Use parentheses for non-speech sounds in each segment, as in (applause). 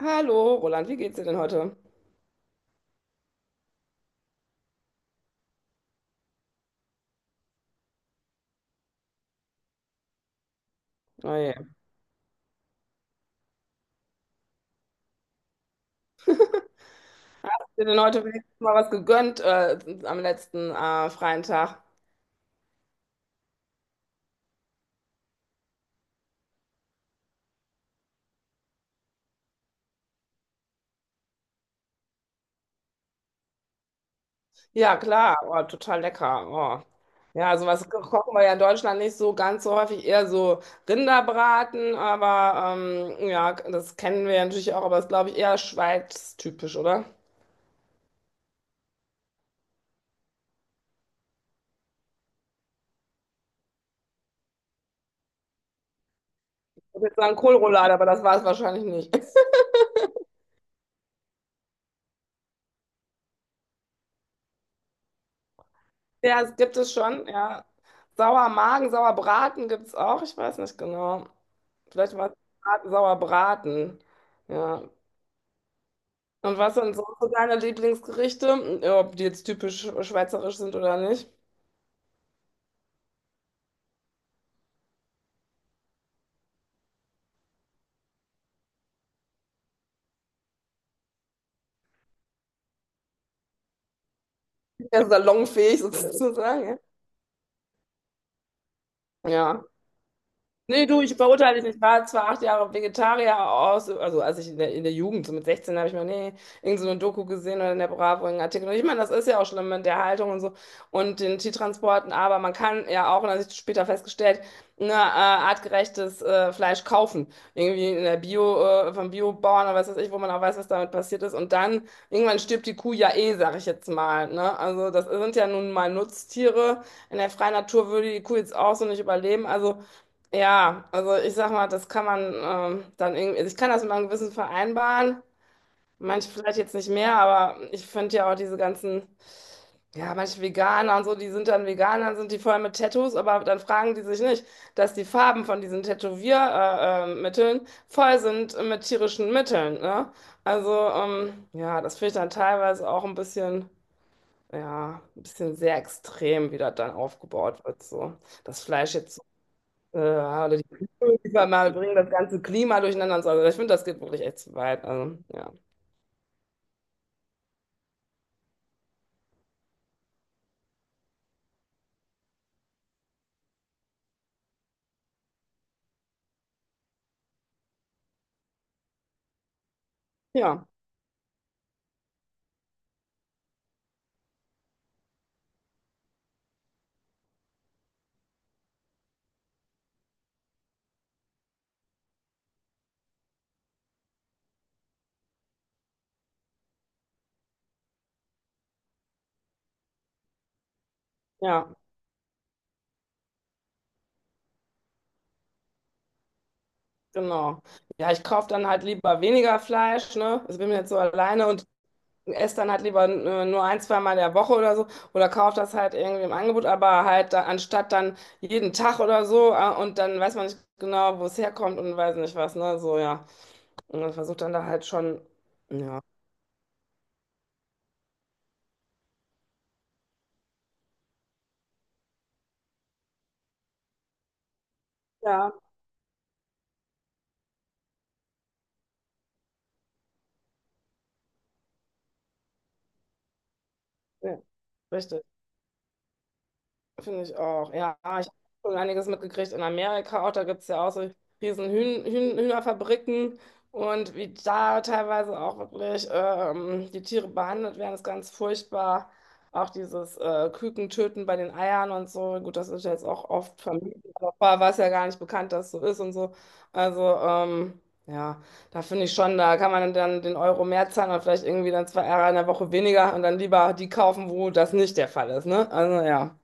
Hallo, Roland, wie geht's dir denn heute? Oh je. Hast du dir denn heute wenigstens mal was gegönnt am letzten freien Tag? Ja, klar, oh, total lecker. Oh. Ja, sowas kochen wir ja in Deutschland nicht so ganz so häufig, eher so Rinderbraten, aber ja, das kennen wir ja natürlich auch, aber das ist, glaube ich, eher schweiztypisch, oder? Ich würde jetzt sagen Kohlroulade, aber das war es wahrscheinlich nicht. Ja, es gibt es schon, ja. Sauermagen, Sauerbraten gibt es auch, ich weiß nicht genau. Vielleicht war es Sauerbraten. Ja. Und was sind sonst so deine Lieblingsgerichte? Ja, ob die jetzt typisch schweizerisch sind oder nicht? Ja, salonfähig (laughs) sozusagen, ja. Ja. Nee, du, ich verurteile dich nicht. Ich war zwar 8 Jahre Vegetarier aus, also als ich in der Jugend, so mit 16, habe ich mal, nee, irgend so eine Doku gesehen oder in der Bravo einen Artikel. Und ich meine, das ist ja auch schlimm mit der Haltung und so und den Tiertransporten, aber man kann ja auch, und das habe ich später festgestellt, ne, artgerechtes Fleisch kaufen. Irgendwie in der Bio, vom Biobauern oder was weiß ich, wo man auch weiß, was damit passiert ist. Und dann, irgendwann stirbt die Kuh ja eh, sage ich jetzt mal. Ne? Also das sind ja nun mal Nutztiere. In der freien Natur würde die Kuh jetzt auch so nicht überleben. Also ja, also ich sag mal, das kann man dann irgendwie, also ich kann das mit meinem Gewissen vereinbaren. Manche vielleicht jetzt nicht mehr, aber ich finde ja auch diese ganzen, ja, manche Veganer und so, die sind dann Veganer, sind die voll mit Tattoos, aber dann fragen die sich nicht, dass die Farben von diesen Tätowiermitteln Mitteln voll sind mit tierischen Mitteln, ne? Also, ja, das finde ich dann teilweise auch ein bisschen, ja, ein bisschen sehr extrem, wie das dann aufgebaut wird, so. Das Fleisch jetzt oder die Klimawandel bringen das ganze Klima durcheinander und so. Also ich finde, das geht wirklich echt zu weit. Also, ja. Ja, ja, genau. Ja, ich kaufe dann halt lieber weniger Fleisch, ne? Ich bin jetzt so alleine und esse dann halt lieber nur ein, zwei Mal der Woche oder so. Oder kaufe das halt irgendwie im Angebot, aber halt da, anstatt dann jeden Tag oder so und dann weiß man nicht genau, wo es herkommt und weiß nicht was, ne? So, ja. Und man versucht dann da halt schon, ja. Ja, ja, richtig. Finde ich auch. Ja, ich habe schon einiges mitgekriegt in Amerika auch. Da gibt es ja auch so riesen Hühnerfabriken und wie da teilweise auch wirklich die Tiere behandelt werden, ist ganz furchtbar. Auch dieses Kükentöten bei den Eiern und so. Gut, das ist jetzt auch oft vermieden, aber vorher war es ja gar nicht bekannt, dass so ist und so. Also, ja, da finde ich schon, da kann man dann den Euro mehr zahlen oder vielleicht irgendwie dann 2 Eier in der Woche weniger und dann lieber die kaufen, wo das nicht der Fall ist, ne? Also, ja.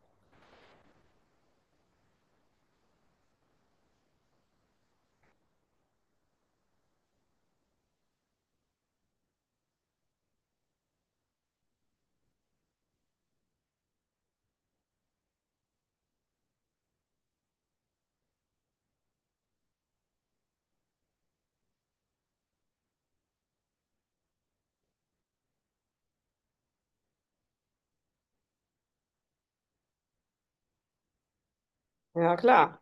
Ja, klar.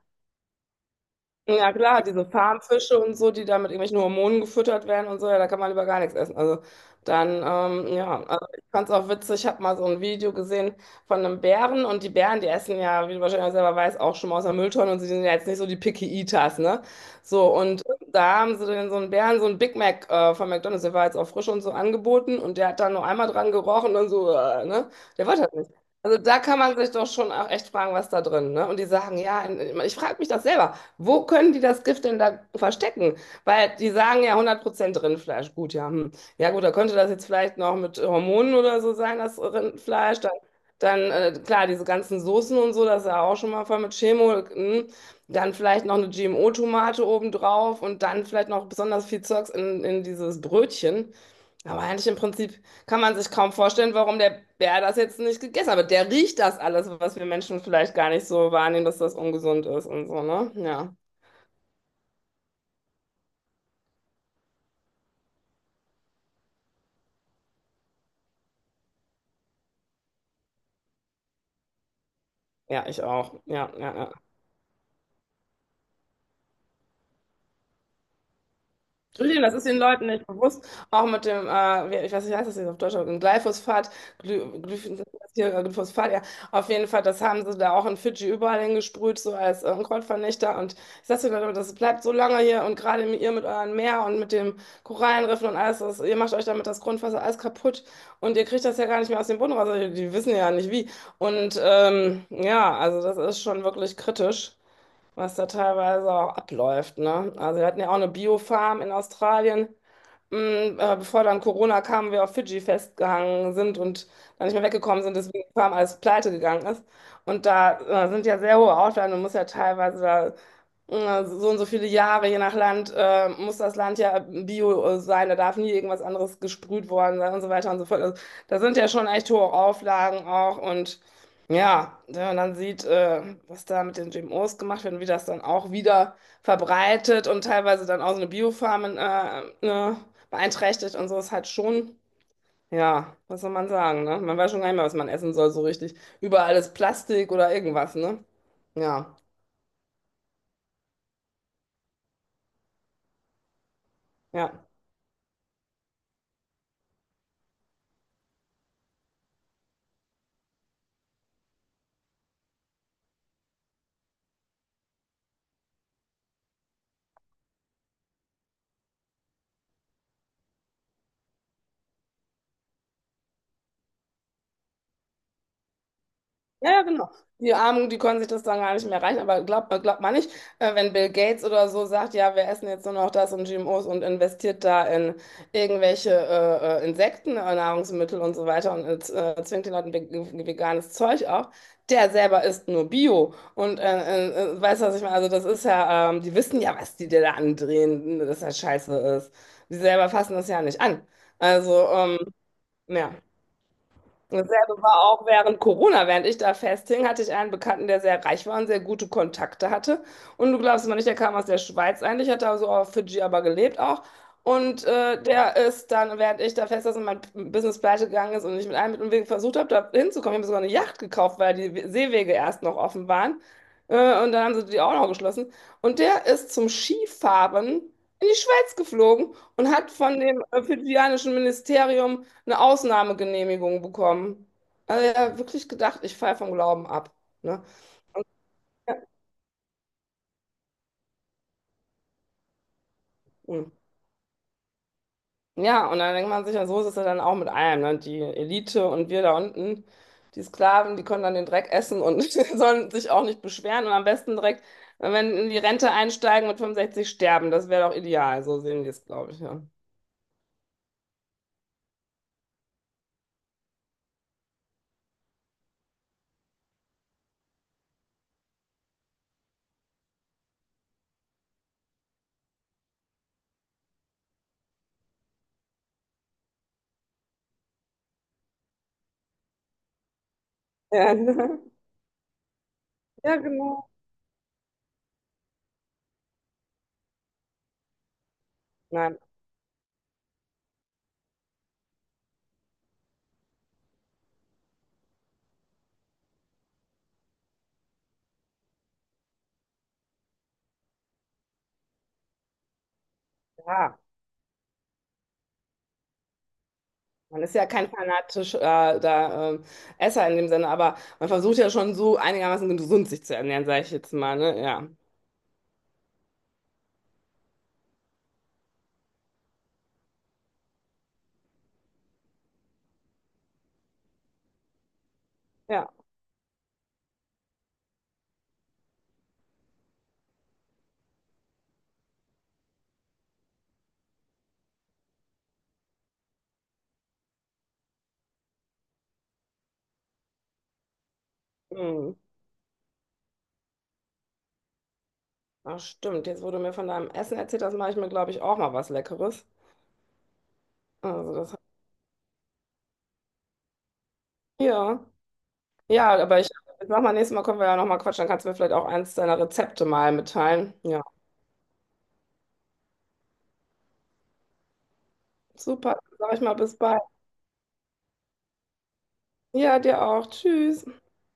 Ja klar, diese Farmfische und so, die da mit irgendwelchen Hormonen gefüttert werden und so, ja, da kann man lieber gar nichts essen. Also dann, ja, also ich fand's auch witzig, ich habe mal so ein Video gesehen von einem Bären und die Bären, die essen ja, wie du wahrscheinlich selber weißt, auch schon mal aus der Mülltonne und sie sind ja jetzt nicht so die Picky Eaters, ne? So, und da haben sie dann so einen Bären, so ein Big Mac von McDonald's, der war jetzt auch frisch und so angeboten und der hat dann nur einmal dran gerochen und so, ne? Der wollte das nicht. Also da kann man sich doch schon auch echt fragen, was da drin, ne? Und die sagen, ja, ich frage mich das selber. Wo können die das Gift denn da verstecken? Weil die sagen ja 100% Rindfleisch. Gut, ja. Hm. Ja gut, da könnte das jetzt vielleicht noch mit Hormonen oder so sein, das Rindfleisch. Dann klar, diese ganzen Soßen und so, das ist ja auch schon mal voll mit Chemo. Hm. Dann vielleicht noch eine GMO-Tomate obendrauf und dann vielleicht noch besonders viel Zeugs in dieses Brötchen. Aber eigentlich im Prinzip, kann man sich kaum vorstellen, warum der Bär das jetzt nicht gegessen hat. Aber der riecht das alles, was wir Menschen vielleicht gar nicht so wahrnehmen, dass das ungesund ist und so, ne? Ja, ja, ich auch. Ja, ja, ja. Entschuldigung, das ist den Leuten nicht bewusst. Auch mit dem, ich weiß nicht, wie heißt das jetzt auf Deutsch, aber mit Glyphosat, Gly, Glyph- Glyphosat, ja, auf jeden Fall, das haben sie da auch in Fidschi überall hingesprüht, so als Unkrautvernichter. Und ich sage den Leuten, das bleibt so lange hier und gerade ihr mit eurem Meer und mit den Korallenriffen und alles, das, ihr macht euch damit das Grundwasser alles kaputt und ihr kriegt das ja gar nicht mehr aus dem Boden raus. Also die, die wissen ja nicht wie. Und ja, also das ist schon wirklich kritisch was da teilweise auch abläuft, ne? Also wir hatten ja auch eine Biofarm in Australien, mm, bevor dann Corona kam, wir auf Fidschi festgehangen sind und dann nicht mehr weggekommen sind, deswegen die Farm alles pleite gegangen ist. Und da sind ja sehr hohe Auflagen, du musst ja teilweise da so und so viele Jahre, je nach Land, muss das Land ja bio sein, da darf nie irgendwas anderes gesprüht worden sein und so weiter und so fort. Also, da sind ja schon echt hohe Auflagen auch und ja, wenn man dann sieht, was da mit den GMOs gemacht wird und wie das dann auch wieder verbreitet und teilweise dann auch so eine Biofarm in, ne, beeinträchtigt und so ist halt schon, ja, was soll man sagen, ne? Man weiß schon gar nicht mehr, was man essen soll, so richtig. Überall ist Plastik oder irgendwas, ne? Ja, ja. Ja, ja, genau. Die Armen, die können sich das dann gar nicht mehr reichen, aber glaubt man nicht, wenn Bill Gates oder so sagt, ja, wir essen jetzt nur noch das und GMOs und investiert da in irgendwelche Insekten, Nahrungsmittel und so weiter und zwingt den Leuten veganes Zeug auf, der selber isst nur Bio und weißt du, was ich meine? Also das ist ja, die wissen ja, was die dir da andrehen, dass das scheiße ist. Die selber fassen das ja nicht an. Also, ja. Dasselbe war auch während Corona, während ich da festhing, hatte ich einen Bekannten, der sehr reich war und sehr gute Kontakte hatte. Und du glaubst mal nicht, der kam aus der Schweiz eigentlich, hat da so auf Fidschi aber gelebt auch. Und der ist dann, während ich da fest saß und mein Business pleite gegangen ist und ich mit allem Mittel und Wegen versucht habe, da hinzukommen, ich habe mir sogar eine Yacht gekauft, weil die Seewege erst noch offen waren. Und dann haben sie die auch noch geschlossen. Und der ist zum Skifahren in die Schweiz geflogen und hat von dem fidschianischen Ministerium eine Ausnahmegenehmigung bekommen. Also ja, wirklich gedacht, ich falle vom Glauben ab. Ne? Ja. Hm. Ja, und dann denkt man sich, ja, so ist es ja dann auch mit allem, ne? Die Elite und wir da unten, die Sklaven, die können dann den Dreck essen und (laughs) sollen sich auch nicht beschweren und am besten direkt, wenn in die Rente einsteigen mit 65 sterben. Das wäre doch ideal, so sehen die es, glaube ich, ja. Ja, (laughs) ja, genau. Nein, ja. Man ist ja kein fanatischer äh, da, ähm, Esser in dem Sinne, aber man versucht ja schon so einigermaßen gesund sich zu ernähren, sage ich jetzt mal, ne? Ja. Ja. Hm. Ach, stimmt. Jetzt wurde mir von deinem Essen erzählt, das mache ich mir, glaube ich, auch mal was Leckeres. Also das, ja. Ja, aber ich, ich mach mal nächstes Mal, können wir ja nochmal quatschen, dann kannst du mir vielleicht auch eins deiner Rezepte mal mitteilen. Ja. Super, sag ich mal, bis bald. Ja, dir auch. Tschüss.